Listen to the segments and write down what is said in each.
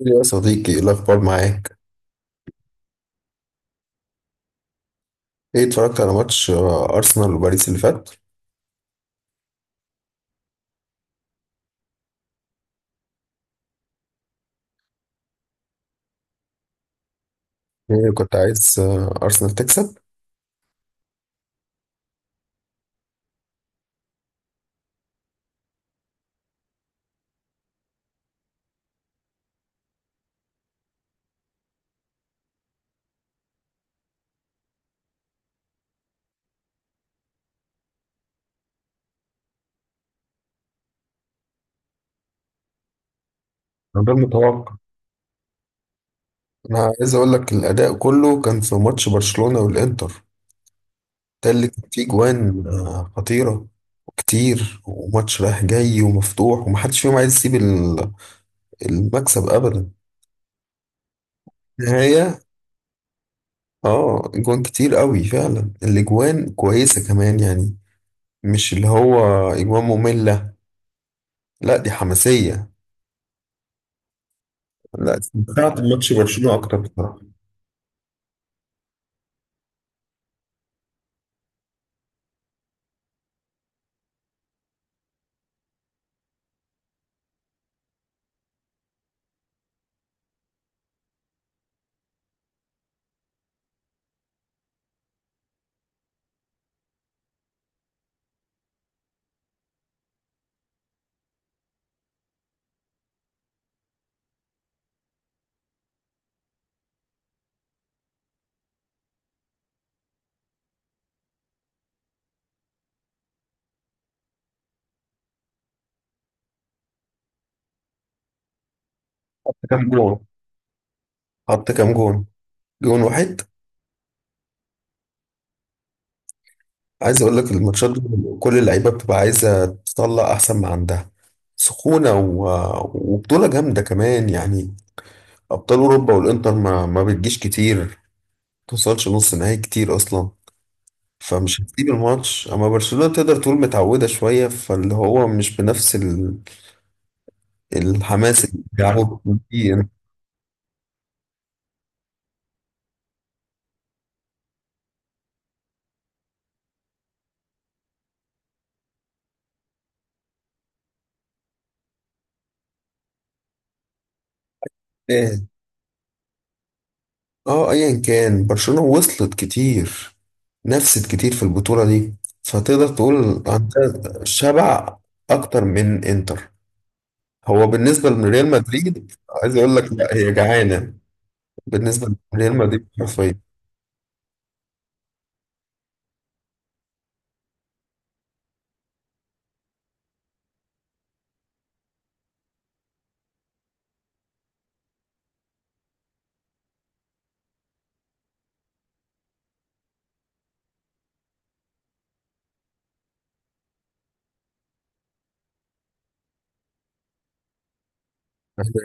يا صديقي، ايه الاخبار معاك؟ ايه، اتفرجت على ماتش ارسنال وباريس اللي فات؟ ايه، كنت عايز ارسنال تكسب؟ أنا ده المتوقع. انا عايز اقول لك، الاداء كله كان في ماتش برشلونة والانتر. ده اللي كان فيه جوان خطيرة وكتير، وماتش رايح جاي ومفتوح ومحدش فيهم عايز يسيب المكسب ابدا النهاية. اه، جوان كتير قوي فعلا، الاجوان كويسة كمان يعني. مش اللي هو اجوان مملة، لا دي حماسية. لا، استمتعت بماتش برشلونة أكتر بصراحة. حط كام جون؟ حط كام جون؟ جون واحد. عايز أقول لك الماتشات دي كل اللعيبة بتبقى عايزة تطلع أحسن ما عندها، سخونة و... وبطولة جامدة كمان يعني. أبطال أوروبا والإنتر ما بتجيش كتير، ما توصلش نص نهائي كتير أصلا. فمش هتسيب الماتش. أما برشلونة تقدر تقول متعودة شوية، فاللي هو مش بنفس ال... الحماس اللي بيلعبوا بيه. اه، ايا كان برشلونة وصلت كتير، نفست كتير في البطولة دي، فتقدر تقول عندها شبع اكتر من انتر. هو بالنسبة لريال مدريد، عايز اقول لك لا هي جعانة بالنسبة لريال مدريد حرفيا.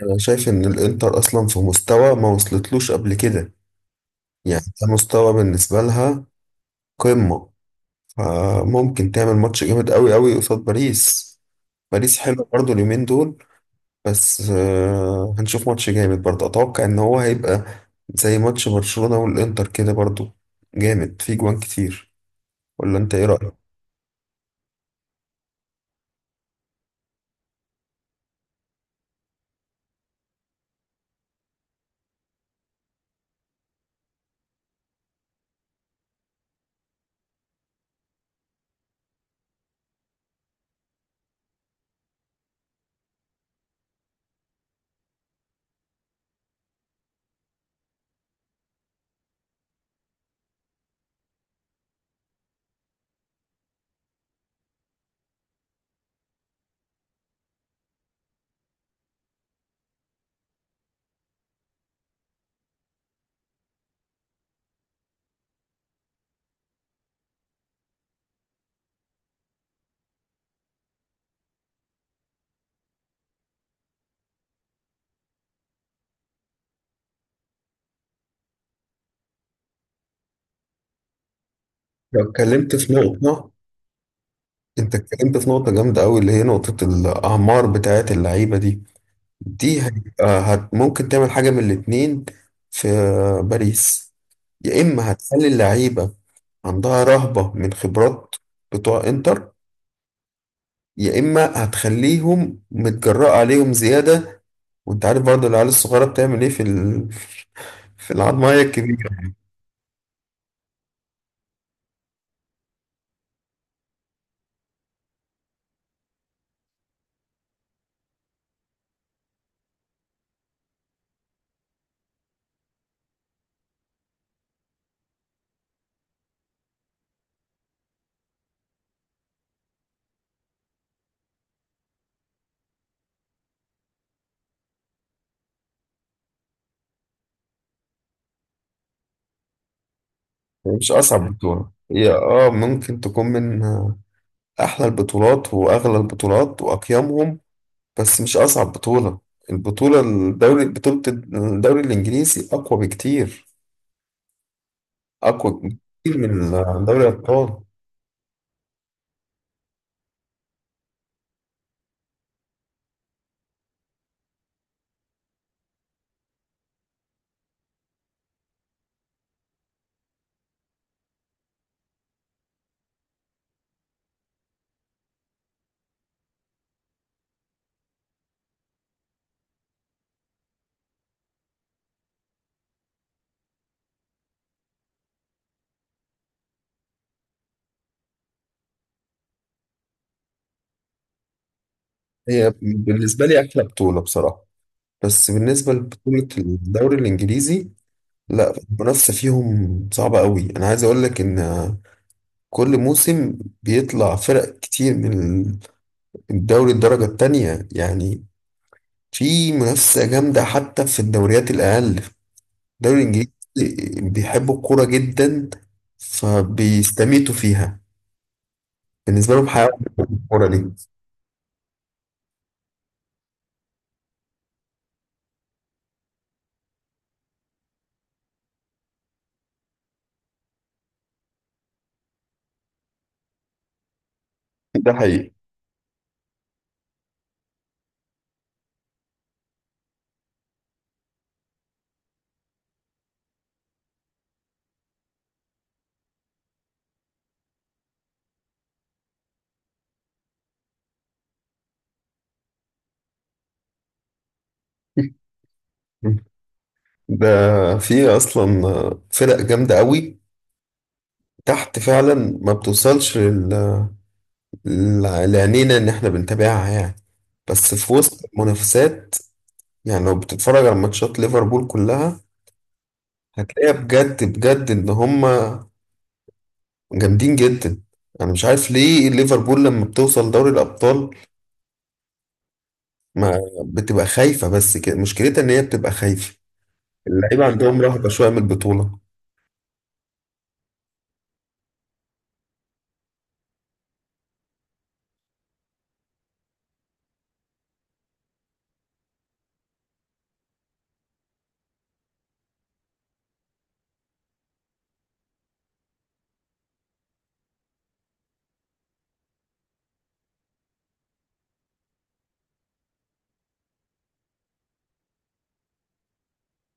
انا شايف ان الانتر اصلا في مستوى ما وصلتلوش قبل كده، يعني ده مستوى بالنسبة لها قمة. فممكن تعمل ماتش جامد قوي قوي قصاد باريس. باريس حلو برضو اليومين دول. بس هنشوف ماتش جامد برضه، اتوقع ان هو هيبقى زي ماتش برشلونة والانتر كده برضه، جامد فيه جوان كتير. ولا انت ايه رأيك؟ لو اتكلمت في نقطة، انت اتكلمت في نقطة جامدة قوي، اللي هي نقطة الاعمار بتاعت اللعيبة دي. دي هيبقى ممكن تعمل حاجة من الاتنين في باريس. يا اما هتخلي اللعيبة عندها رهبة من خبرات بتوع انتر، يا اما هتخليهم متجرأة عليهم زيادة. وانت عارف برضه العيال الصغيرة بتعمل ايه في ال... في العضماية الكبيرة. هي مش أصعب بطولة، هي ممكن تكون من أحلى البطولات وأغلى البطولات وأقيمهم، بس مش أصعب بطولة. البطولة الدوري بطولة الدوري الإنجليزي أقوى بكتير، أقوى بكتير من دوري الأبطال. هي بالنسبة لي أحلى بطولة بصراحة، بس بالنسبة لبطولة الدوري الإنجليزي، لا المنافسة فيهم صعبة قوي. أنا عايز أقول لك إن كل موسم بيطلع فرق كتير من الدوري الدرجة التانية يعني. في منافسة جامدة حتى في الدوريات الأقل. الدوري الإنجليزي بيحبوا الكورة جدا فبيستميتوا فيها، بالنسبة لهم حياة الكورة دي. ده حقيقي. ده في أصلا فرق جامدة قوي تحت فعلا ما بتوصلش لعينينا إن إحنا بنتابعها يعني، بس في وسط المنافسات. يعني لو بتتفرج على ماتشات ليفربول كلها، هتلاقيها بجد بجد ان هما جامدين جدا. انا مش عارف ليه ليفربول لما بتوصل دوري الابطال ما بتبقى خايفة. بس كده مشكلتها ان هي بتبقى خايفة، اللعيبة عندهم رهبة شوية من البطولة.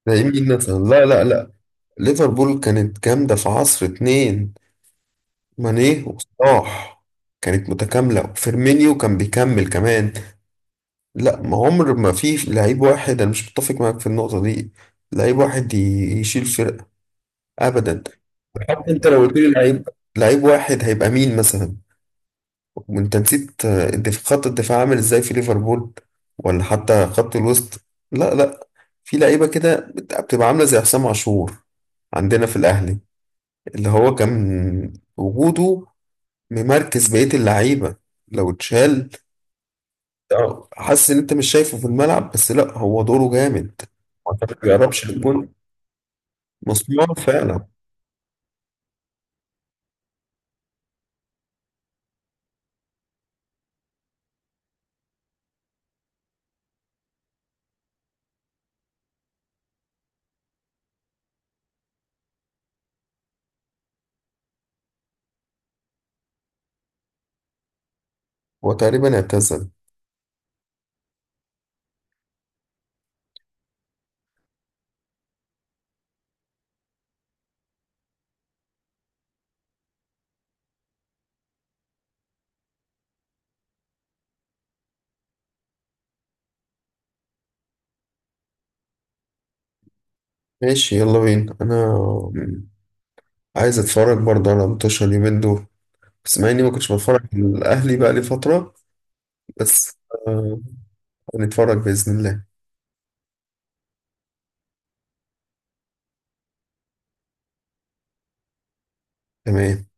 زي مين مثلا؟ لا لا لا، ليفربول كانت جامدة في عصر اتنين، ماني وصلاح، كانت متكاملة وفيرمينيو كان بيكمل كمان. لا، ما عمر ما في لعيب واحد، انا مش متفق معاك في النقطة دي. لعيب واحد يشيل فرقة، ابدا. حتى انت لو قلت لي لعيب، لعيب واحد هيبقى مين مثلا؟ وانت نسيت خط الدفاع عامل ازاي في ليفربول، ولا حتى خط الوسط. لا لا، في لعيبه كده بتبقى عامله زي حسام عاشور عندنا في الاهلي، اللي هو كان وجوده ممركز بقيه اللعيبه لو اتشال، حاسس ان انت مش شايفه في الملعب، بس لا هو دوره جامد. هو ما بيقربش للجون، مسموع فعلا. هو تقريبا اعتزل. ماشي، يلا بينا، انا عايز اتفرج برضه على متوشة اليومين دول، بس مع اني ما كنتش بتفرج على الاهلي بقى لي فتره. بس آه هنتفرج باذن الله. تمام.